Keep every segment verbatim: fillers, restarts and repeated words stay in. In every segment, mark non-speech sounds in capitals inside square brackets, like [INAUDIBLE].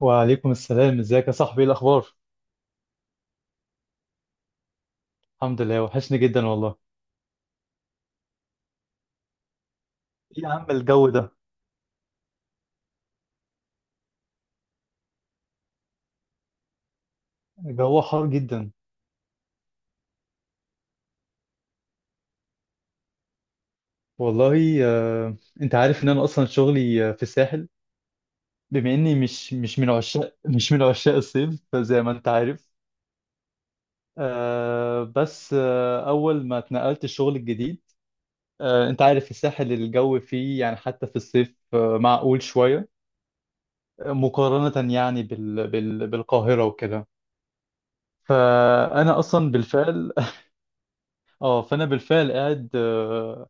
وعليكم السلام، ازيك يا صاحبي؟ ايه الاخبار؟ الحمد لله، وحشني جدا والله. ايه يا عم الجو ده! الجو حار جدا. والله آه، انت عارف ان انا اصلا شغلي آه، في الساحل. بما اني مش مش من عشاق مش من عشاق الصيف زي ما انت عارف. آه، بس آه، اول ما اتنقلت الشغل الجديد. آه، انت عارف الساحل الجو فيه يعني حتى في الصيف آه، معقول شوية، آه، مقارنة يعني بال بال بالقاهرة وكده. فأنا أصلا بالفعل اه فانا بالفعل قاعد آه،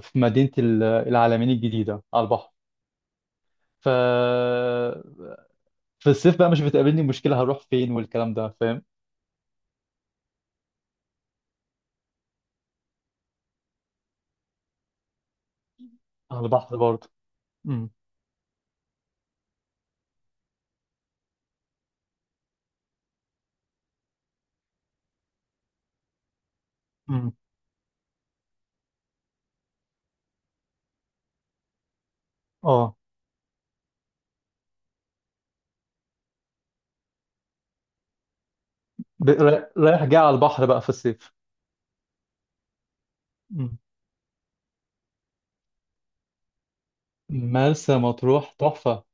في مدينه ال- العلمين الجديده على البحر. ف في الصيف بقى مش بتقابلني مشكله، هروح فين والكلام ده، فاهم. على البحر برضه. امم. امم. اه ب- را- رايح جاي على البحر بقى في الصيف. امم. مرسى مطروح تحفه.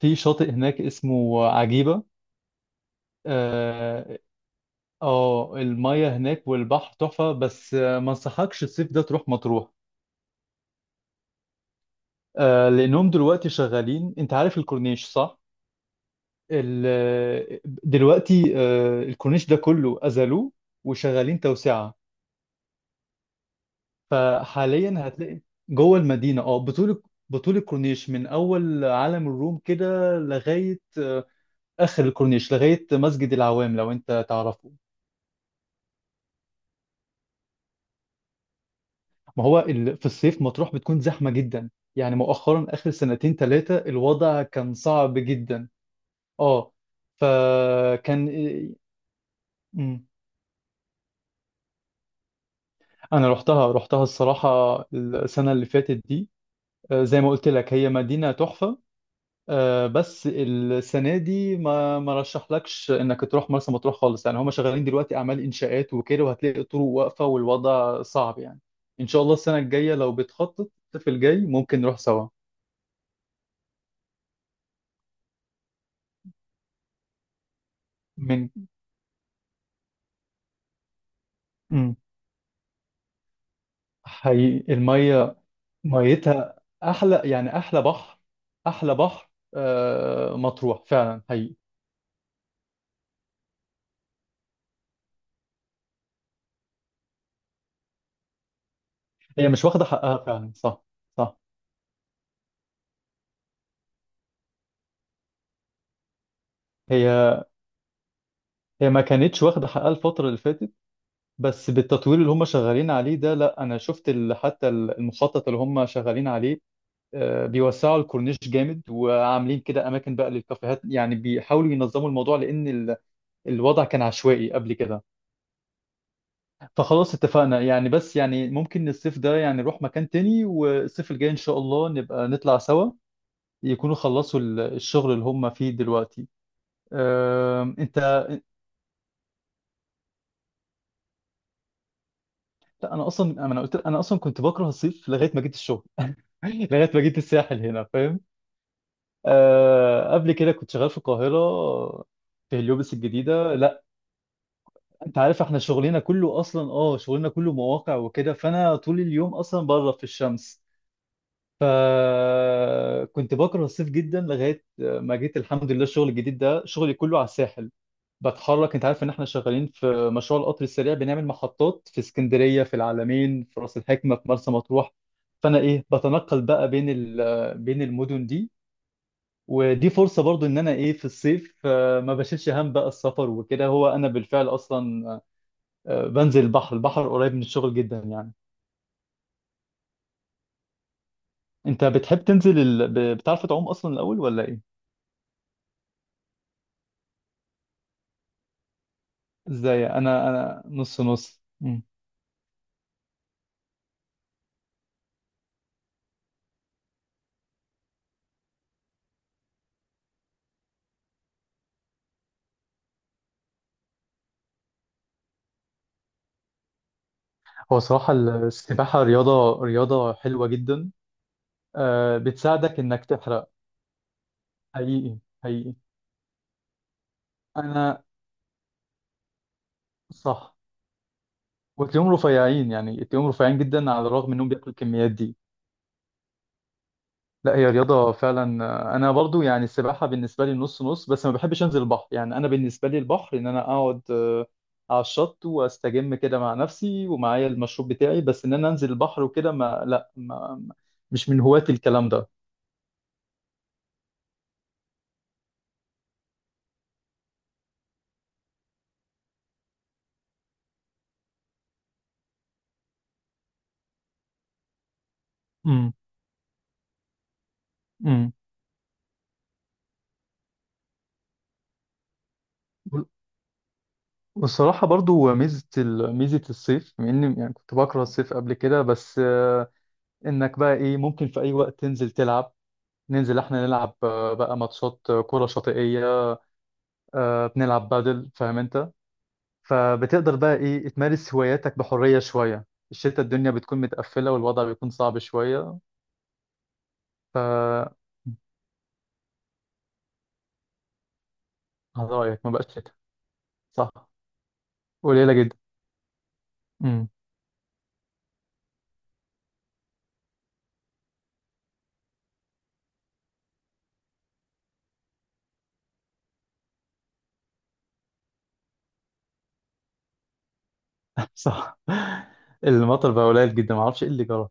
في شاطئ هناك اسمه عجيبه. اه آه، المية هناك والبحر تحفه، بس آه، ما انصحكش الصيف ده تروح مطروح. آه لانهم دلوقتي شغالين، انت عارف الكورنيش صح؟ ال- دلوقتي آه، الكورنيش ده كله أزلوه، وشغالين توسعة. فحاليا هتلاقي جوه المدينة اه بطول بطول الكورنيش من أول عالم الروم كده لغاية آه، آخر الكورنيش لغاية مسجد العوام لو أنت تعرفه. ما هو ال- في الصيف مطروح بتكون زحمة جدا، يعني مؤخرا آخر سنتين ثلاثة الوضع كان صعب جدا. اه. فكان آه، مم. أنا رحتها رحتها الصراحة السنة اللي فاتت دي. آه، زي ما قلت لك هي مدينة تحفة. آه، بس السنة دي ما ما رشحلكش انك تروح مرسى مطروح خالص، يعني هم شغالين دلوقتي اعمال انشاءات وكده، وهتلاقي الطرق واقفة والوضع صعب يعني. ان شاء الله السنة الجاية لو بتخطط في الجاي ممكن نروح سوا. من مم. حقيقي المية ميتها احلى، يعني احلى بحر. احلى بحر آه، مطروح فعلا حقيقي. هي مش واخدة حقها فعلا صح. صح. هي هي ما كانتش واخدة حقها الفترة اللي فاتت، بس بالتطوير اللي هم شغالين عليه ده. لا انا شفت ال- حتى ال- المخطط اللي هم شغالين عليه. آه، بيوسعوا الكورنيش جامد، وعاملين كده اماكن بقى للكافيهات، يعني بيحاولوا ينظموا الموضوع لان ال- الوضع كان عشوائي قبل كده. فخلاص اتفقنا يعني، بس يعني ممكن الصيف ده يعني نروح مكان تاني، والصيف الجاي ان شاء الله نبقى نطلع سوا، يكونوا خلصوا ال- الشغل اللي هم فيه دلوقتي. آم، انت. لا، انا اصلا انا قلت انا اصلا كنت بكره الصيف لغايه ما جيت الشغل [LAUGHS] لغايه ما جيت الساحل هنا، فاهم. آه، قبل كده كنت شغال في القاهرة آه، في هليوبس الجديدة. لا، انت عارف احنا شغلنا كله اصلا اه شغلنا كله مواقع وكده، فانا طول اليوم اصلا بره في الشمس. فكنت بكره الصيف جدا لغاية ما جيت، الحمد لله، الشغل الجديد ده شغلي كله على الساحل. بتحرك، انت عارف ان احنا شغالين في مشروع القطر السريع، بنعمل محطات في اسكندرية، في العلمين، في راس الحكمة، في مرسى مطروح. فانا ايه بتنقل بقى بين ال- بين المدن دي. ودي فرصة برضو ان انا ايه في الصيف، آه، ما بشيلش هم بقى السفر وكده، هو انا بالفعل اصلا آه، بنزل البحر، البحر قريب من الشغل جدا يعني. انت بتحب تنزل ال... ب- بتعرف تعوم اصلا الاول، ولا ايه؟ ازاي، انا انا نص نص. مم. هو صراحة السباحة رياضة رياضة حلوة جدا، آه، بتساعدك انك تحرق. حقيقي. حقيقي. انا، صح. وتلاقيهم رفيعين، يعني تلاقيهم رفيعين جدا على الرغم انهم بياكلوا الكميات دي. لا، هي رياضة فعلا، آه، أنا برضو يعني السباحة بالنسبة لي نص نص، بس ما بحبش أنزل البحر، يعني أنا بالنسبة لي البحر إن أنا أقعد آه، على الشط وأستجم كده مع نفسي ومعايا المشروب بتاعي، بس إن أنا أنزل البحر وكده ما لا ما ما- مش من هواة الكلام ده. امم. امم. وال- والصراحة برضو ميزة ال- ميزة الصيف، بما إني يعني كنت بكره الصيف قبل كده، بس آه، إنك بقى إيه ممكن في أي وقت تنزل تلعب، ننزل إحنا نلعب آه، بقى ماتشات آه، كرة شاطئية، آه، بنلعب بادل، فاهم أنت. فبتقدر بقى ايه تمارس هواياتك بحرية شوية، الشتاء الدنيا بتكون متقفلة والوضع بيكون صعب شوية. ف رأيك ما بقاش شتاء، صح. قليلة جدا. امم. [LAUGHS] صح. المطر بقى قليل جدا، ما اعرفش ايه اللي جرى.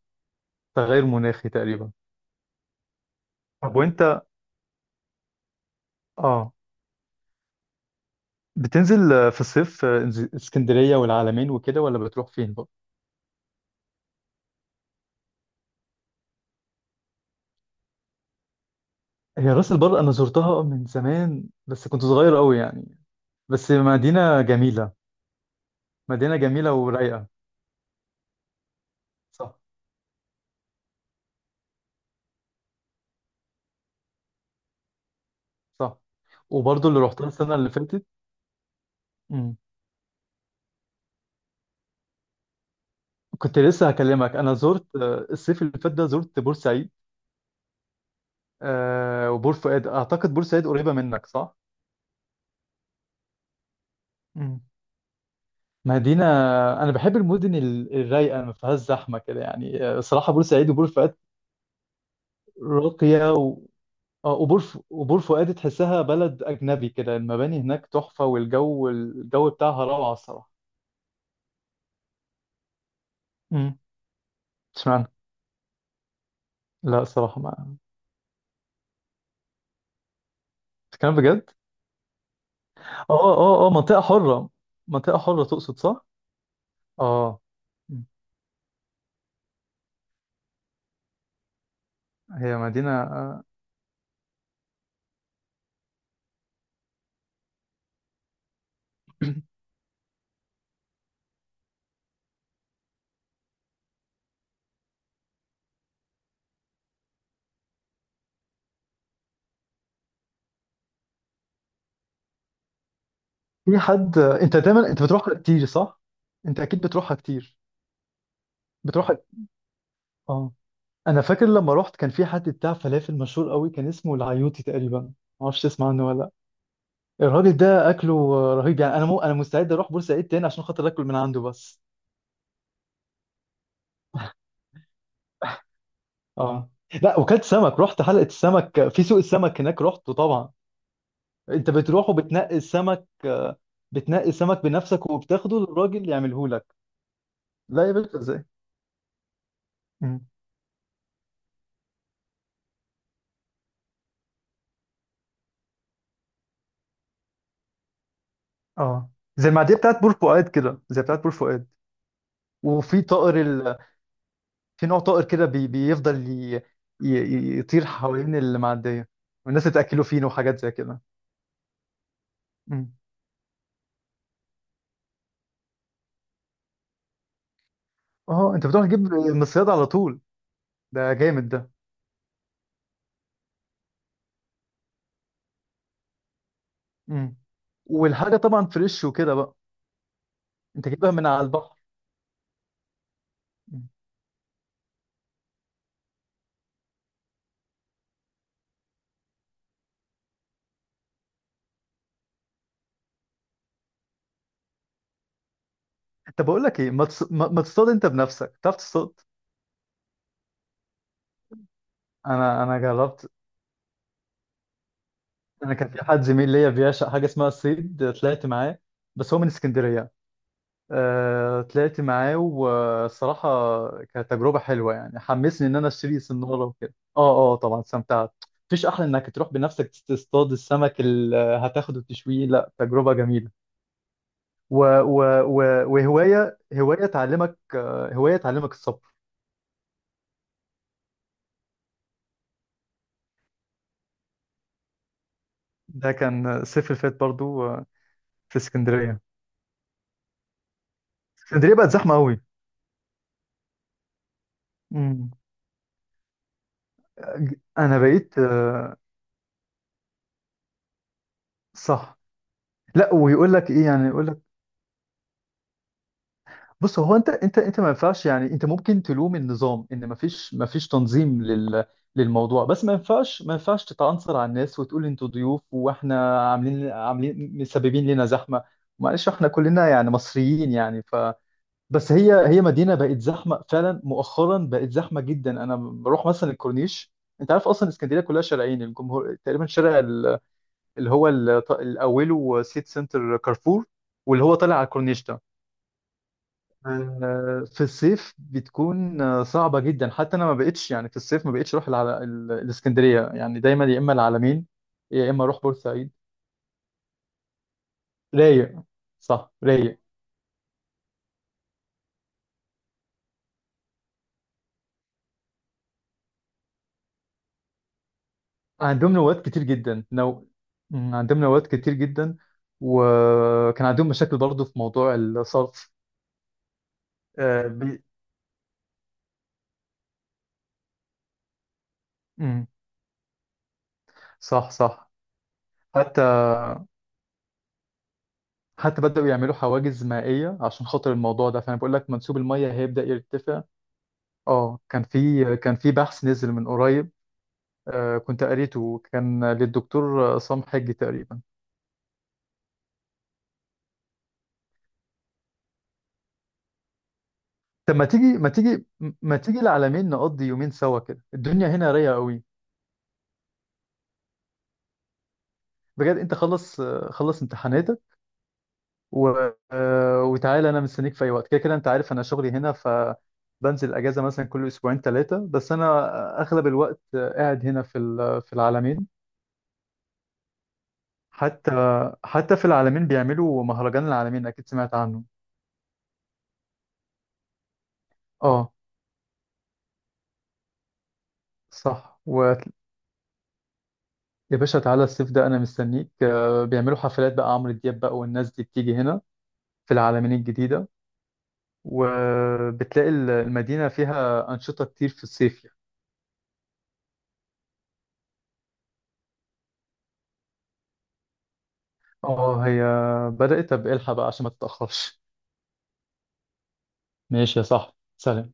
تغير مناخي تقريبا. طب وانت اه بتنزل آه، في الصيف آه، إنز- اسكندرية والعلمين وكده، ولا بتروح فين بقى؟ هي راس البر انا زرتها من زمان، بس كنت صغير قوي يعني، بس مدينة جميلة. مدينة جميلة ورايقة. صح، صح. وبرضه اللي رحتها السنة اللي فاتت. مم. كنت لسه هكلمك، أنا زرت آه، الصيف اللي فات ده زرت بورسعيد آه، وبور فؤاد. أعتقد بورسعيد قريبة منك صح؟ مم. مدينة، أنا بحب المدن ال- الرايقة ما فيهاش زحمة كده يعني، آه، صراحة بورسعيد وبور فؤاد راقية و... آه، وبور ف... وبور فؤاد تحسها بلد أجنبي كده، المباني هناك تحفة، والجو الجو بتاعها روعة الصراحة. مم. اشمعنى؟ لا الصراحة ما. بتتكلم بجد؟ اه، اه، اه، اه، منطقة حرة. منطقة حرة تقصد صح؟ اه، هي مدينة آه، [CLEARS THROAT] في حد. انت دايما انت بتروحها كتير صح؟ انت اكيد بتروحها كتير، بتروحها. اه. انا فاكر لما رحت كان في حد بتاع فلافل مشهور قوي، كان اسمه العيوطي تقريبا، ما اعرفش تسمع عنه ولا لا. الراجل ده اكله رهيب يعني، انا مو انا مستعد اروح بورسعيد تاني عشان خاطر اكل من عنده بس. اه، لا وكلت سمك، رحت حلقة السمك في سوق السمك هناك. رحت طبعا. انت بتروح وبتنقي السمك آه، بتنقي السمك بنفسك وبتاخده للراجل يعمله لك. لا يا باشا ازاي! مم. اه، زي المعديه بتاعت بور فؤاد كده، زي بتاعت بور فؤاد. وفي طائر ال... في نوع طائر كده بي... بيفضل ي... ي... يطير حوالين المعدية. والناس بتاكله فين وحاجات زي كده. مم. اه، انت بتروح تجيب من الصيادة على طول. ده جامد ده. مم. والحاجة طبعا فريش وكده بقى، انت جايبها من على البحر. مم. طب بقول لك ايه، ما, تص... ما... ما تصطاد انت بنفسك، تعرف تصطاد؟ انا انا جربت. انا كان في حد زميل ليا بيعشق حاجه اسمها الصيد، طلعت معاه، بس هو من اسكندريه. أه طلعت معاه والصراحه كانت تجربه حلوه يعني، حمسني ان انا اشتري سناره وكده. اه، اه، طبعا استمتعت. مفيش احلى انك تروح بنفسك تصطاد السمك اللي هتاخده وتشويه. لا، تجربه جميله. و و و وهوايه هوايه تعلمك هوايه تعلمك الصبر. ده كان الصيف اللي فات برضو آه، في اسكندريه. اسكندريه بقت زحمه قوي. مم. انا بقيت. صح. لا، ويقول لك ايه يعني، يقول لك. بص، هو انت انت انت ما ينفعش يعني، انت ممكن تلوم النظام ان ما فيش ما فيش تنظيم لل للموضوع، بس ما ينفعش ما ينفعش تتعنصر على الناس وتقول انتوا ضيوف، واحنا عاملين عاملين مسببين لنا زحمه. معلش، احنا كلنا يعني مصريين يعني. ف بس هي هي مدينه بقت زحمه فعلا، مؤخرا بقت زحمه جدا. انا بروح مثلا الكورنيش، انت عارف اصلا اسكندريه كلها شارعين، الجمهور تقريبا، شارع اللي هو ال- اللي اوله سيتي سنتر كارفور، واللي هو طالع على كورنيشتا. آه، في الصيف بتكون آه، صعبة جدا، حتى انا ما بقتش يعني في الصيف ما بقتش اروح العل- ال- الاسكندرية، يعني دايما يا اما العلمين يا اما اروح بورسعيد. رايق. صح رايق. عندهم نوادي كتير جدا. نو... مم، عندهم نوادي كتير جدا. وكان عندهم مشاكل برضو في موضوع الصرف. آه، بي... مم، صح. صح. حتى حتى بدأوا يعملوا حواجز مائية عشان خاطر الموضوع ده، فأنا بقول لك منسوب المية هيبدأ يرتفع. اه، كان في كان في بحث نزل من قريب، آه كنت قريته، كان للدكتور عصام حجي تقريبا. طب ما تيجي ما تيجي ما تيجي العلمين نقضي يومين سوا كده، الدنيا هنا رايقة قوي. بجد، انت خلص آه، خلص امتحاناتك و... آه، وتعالى، انا مستنيك في اي وقت، كده كده انت عارف انا شغلي هنا، فبنزل اجازة مثلا كل اسبوعين ثلاثة، بس انا اغلب الوقت آه، قاعد هنا في ال- في العلمين. حتى حتى في العالمين بيعملوا مهرجان العالمين، اكيد سمعت عنه. اه، صح. ويا باشا تعالى الصيف ده، انا مستنيك، آه، بيعملوا حفلات بقى، عمرو دياب بقى والناس دي بتيجي هنا في العالمين الجديدة. وبتلاقي ال- المدينة فيها أنشطة كتير في الصيف يعني. اه، هي بدأت. طب الحق بقى عشان ما تتأخرش. ماشي يا صاحبي، سلام.